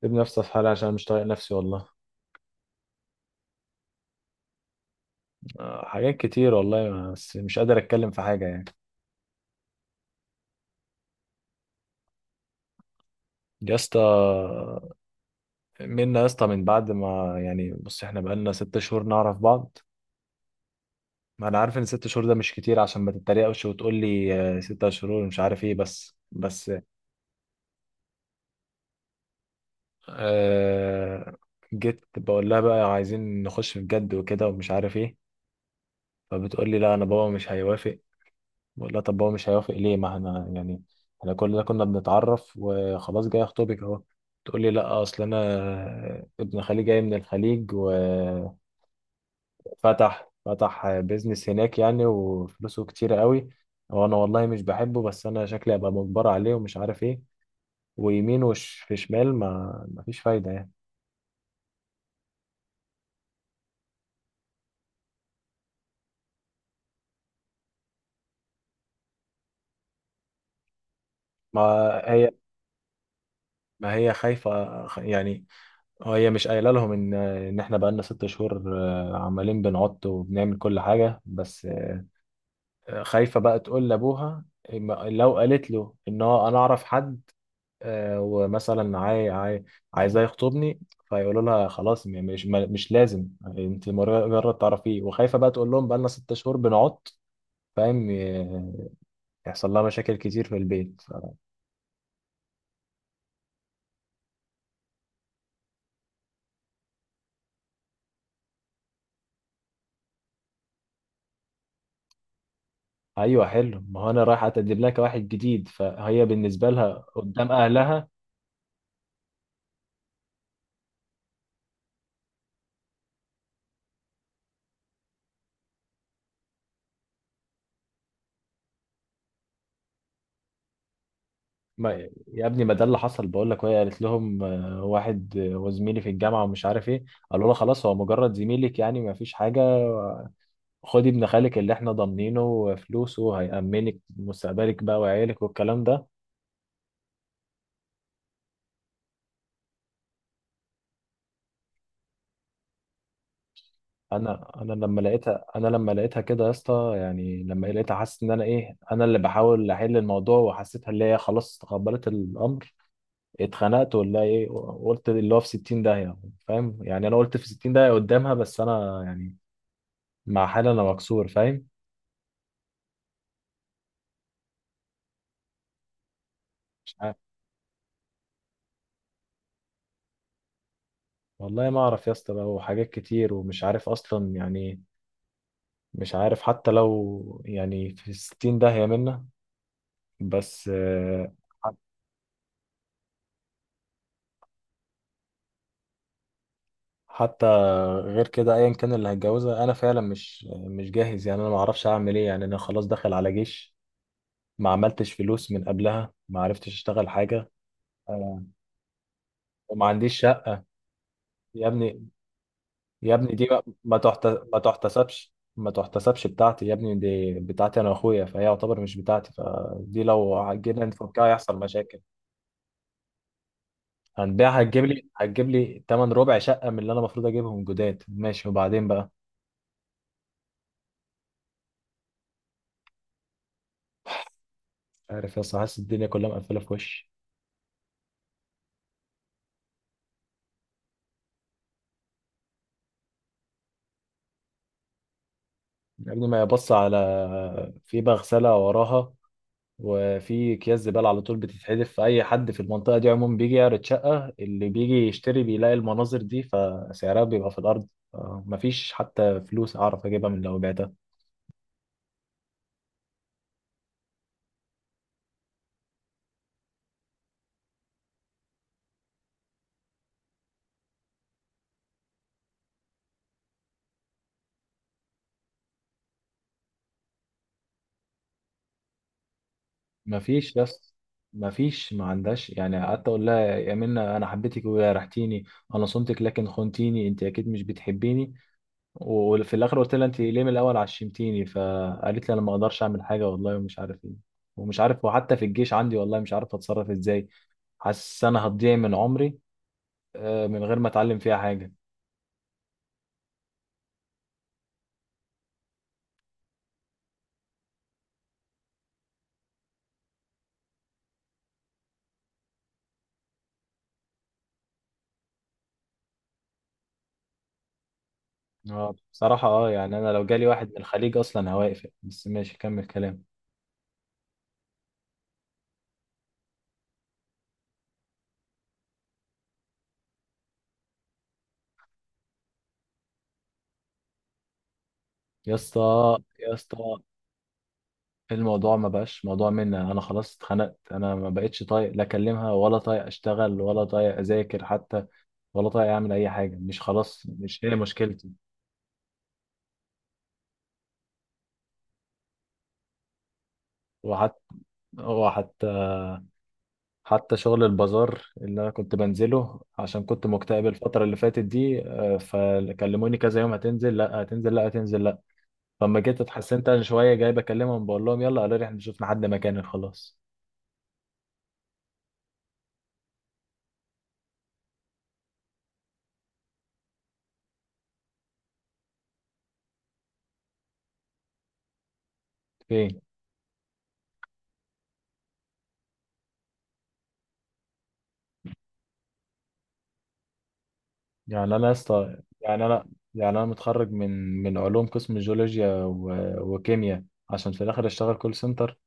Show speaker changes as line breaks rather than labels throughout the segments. سيب نفسي في حالي عشان مش طايق نفسي والله. آه، حاجات كتير والله بس مش قادر اتكلم في حاجه يعني. يا اسطى، منا يا اسطى، من بعد ما يعني بص احنا بقالنا 6 شهور نعرف بعض. ما انا عارف ان 6 شهور ده مش كتير عشان ما تتريقش وتقول لي آه، 6 شهور مش عارف ايه، بس آه جيت بقول لها بقى عايزين نخش في جد وكده ومش عارف ايه. فبتقول لي لا، انا بابا مش هيوافق. بقول لها طب هو مش هيوافق ليه، ما احنا يعني احنا كلنا كنا بنتعرف وخلاص جاي اخطبك اهو. تقول لي لا، اصل انا ابن خالي جاي من الخليج فتح بيزنس هناك يعني وفلوسه كتير قوي. وانا والله مش بحبه بس انا شكلي ابقى مجبر عليه ومش عارف ايه، ويمين وش في شمال، ما فيش فايدة يعني. ما هي ما هي خايفة، يعني هي مش قايله لهم ان احنا بقالنا 6 شهور، عمالين بنعط وبنعمل كل حاجة بس. خايفة بقى تقول لأبوها، لو قالت له إن هو أنا أعرف حد، ومثلا عايزاه يخطبني، فيقولوا لها خلاص، مش لازم. أنت مجرد تعرفيه، وخايفة بقى تقول لهم بقالنا 6 شهور بنعط، فاهم يحصل لها مشاكل كتير في البيت. أيوه حلو، ما هو أنا رايح أتقدم لك واحد جديد، فهي بالنسبة لها قدام أهلها. ما يا ابني، ما ده اللي حصل بقول لك، وهي قالت لهم آه، واحد، وزميلي في الجامعه ومش عارف ايه. قالوا لها خلاص هو مجرد زميلك يعني ما فيش حاجه، خدي ابن خالك اللي احنا ضامنينه فلوسه، هيأمنك مستقبلك بقى وعيالك والكلام ده. انا لما لقيتها كده يا اسطى، يعني لما لقيتها حاسس ان انا اللي بحاول احل الموضوع، وحسيتها اللي هي خلاص تقبلت الامر. اتخنقت ولا ايه؟ قلت اللي هو في 60 داهيه، فاهم يعني. انا قلت في 60 داهيه قدامها بس انا يعني مع حالي انا مكسور، فاهم. مش عارف والله، ما اعرف يا اسطى بقى، وحاجات كتير ومش عارف اصلا يعني، مش عارف حتى لو يعني في الـ60 داهية منا بس. حت- حتى غير كده ايا كان اللي هتجوزها، انا فعلا مش جاهز يعني، انا ما اعرفش اعمل ايه يعني، انا خلاص داخل على جيش، ما عملتش فلوس من قبلها، ما عرفتش اشتغل حاجة. آه، وما عنديش شقة يا ابني. يا ابني دي بقى ما تحتسبش بتاعتي، يا ابني دي بتاعتي انا واخويا، فهي يعتبر مش بتاعتي، فدي لو جينا نفكها هيحصل مشاكل. هنبيعها؟ هتجيب لي تمن ربع شقة من اللي انا المفروض اجيبهم جداد، ماشي، وبعدين بقى. عارف يا اسطى، حاسس الدنيا كلها مقفلة في وشي. يا ابني ما يبص على في مغسلة وراها، وفي اكياس زباله على طول بتتحدف، فاي حد في المنطقه دي عموما بيجي يعرض شقه، اللي بيجي يشتري بيلاقي المناظر دي، فسعرها بيبقى في الارض. مفيش حتى فلوس اعرف اجيبها من لو بعتها. مفيش بس، مفيش ما عندهاش يعني. قعدت اقول لها يا منى، انا حبيتك وجرحتيني، انا صنتك لكن خنتيني، انت اكيد مش بتحبيني. وفي الاخر قلت لها، انت ليه من الاول عشمتيني؟ فقالت لي انا ما اقدرش اعمل حاجه والله ومش عارف ايه، ومش عارف. وحتى في الجيش عندي والله مش عارف اتصرف ازاي، حاسس انا هتضيع من عمري من غير ما اتعلم فيها حاجه. اه، بصراحه يعني انا لو جالي واحد من الخليج اصلا هواقف، بس ماشي كمل كلام. يا اسطى، يا اسطى، الموضوع ما بقاش موضوع، مني انا خلاص اتخنقت، انا ما بقتش طايق لا اكلمها ولا طايق اشتغل ولا طايق اذاكر حتى، ولا طايق اعمل اي حاجه، مش خلاص مش هي مشكلتي. وحتى وحتى حتى شغل البازار اللي انا كنت بنزله عشان كنت مكتئب الفتره اللي فاتت دي، فكلموني كذا يوم، هتنزل لا، هتنزل لا، هتنزل لا. فلما جيت اتحسنت انا شويه جاي بكلمهم بقول لهم يلا، قالوا لي احنا شفنا حد مكاني خلاص. فين؟ يعني انا يا اسطى يعني انا متخرج من علوم قسم جيولوجيا وكيمياء، عشان في الاخر اشتغل كول سنتر.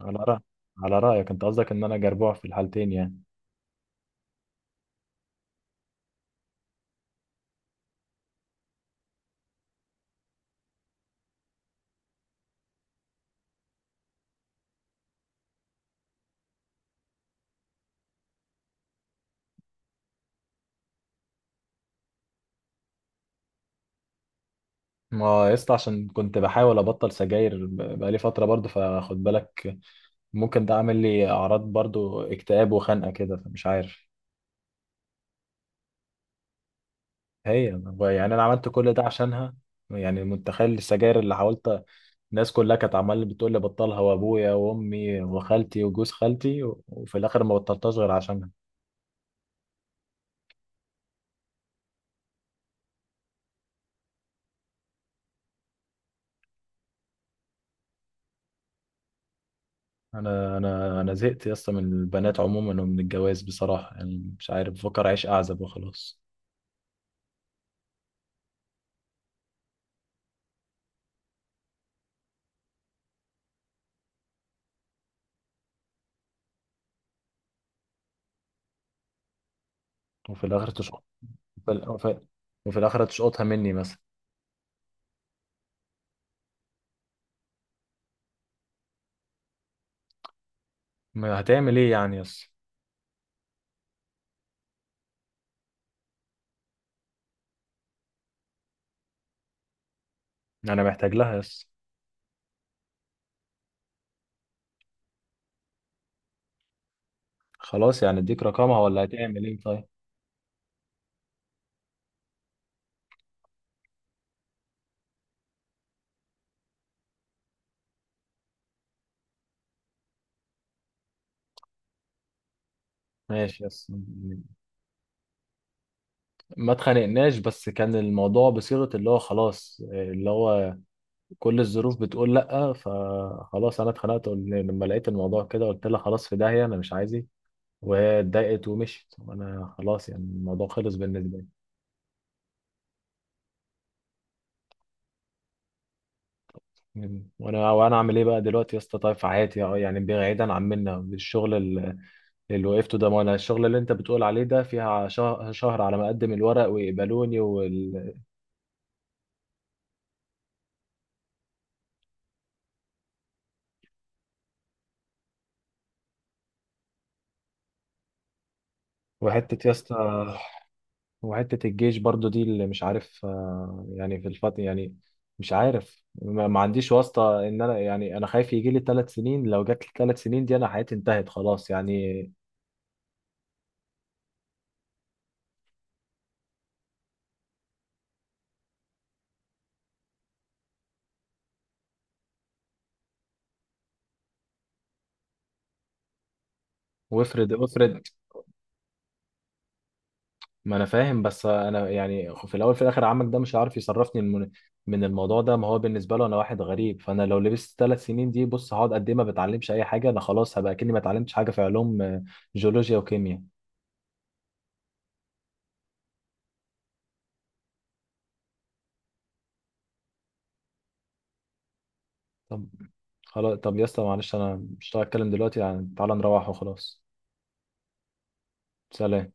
على رأي على رايك انت، قصدك ان انا جربوع في الحالتين يعني؟ ما يا اسطى عشان كنت بحاول ابطل سجاير، بقالي فتره برضو فخد بالك، ممكن ده عامل لي اعراض برضو اكتئاب وخنقه كده، فمش عارف. هي، يعني انا عملت كل ده عشانها. يعني متخيل السجاير اللي حاولت، الناس كلها كانت عمال بتقول لي بطلها، وابويا وامي وخالتي وجوز خالتي، وفي الاخر ما بطلتهاش غير عشانها. انا زهقت يا اسطى من البنات عموما ومن الجواز بصراحه يعني، مش عارف، بفكر اعيش اعزب وخلاص. وفي الاخر تشقط وفي وفي الاخر تشقطها مني مثلا، ما هتعمل ايه يعني يس؟ انا محتاج لها يس. خلاص يعني اديك رقمها ولا هتعمل ايه طيب؟ ماشي يس. ما اتخانقناش بس كان الموضوع بصيغة اللي هو خلاص، اللي هو كل الظروف بتقول لأ، فخلاص أنا اتخنقت، لما لقيت الموضوع كده قلت لها خلاص في داهية أنا مش عايزك، وهي اتضايقت ومشيت، وأنا خلاص يعني الموضوع خلص بالنسبة لي. مم. وأنا أعمل إيه بقى دلوقتي يا اسطى، طيب في حياتي يعني بعيدا عن منا الشغل، اللي وقفته ده، ما أنا الشغل اللي أنت بتقول عليه ده فيها شهر, شهر على ما أقدم الورق ويقبلوني. وحتة يا اسطى، وحتة الجيش برضو دي اللي مش عارف يعني في الفترة يعني مش عارف، ما عنديش واسطة ان انا يعني، انا خايف يجي لي 3 سنين، لو جات لي 3 سنين دي انا حياتي انتهت خلاص يعني. وافرض افرض ما انا فاهم، بس انا يعني في الاول في الاخر عمك ده مش عارف يصرفني من الموضوع ده، ما هو بالنسبة له انا واحد غريب، فانا لو لبست 3 سنين دي بص هقعد قد ايه؟ ما بتعلمش اي حاجة، انا خلاص هبقى كأني ما اتعلمتش حاجة في علوم جيولوجيا وكيمياء. طب خلاص، طب يا اسطى معلش، انا مش هتكلم دلوقتي يعني، تعالى نروح وخلاص. سلام.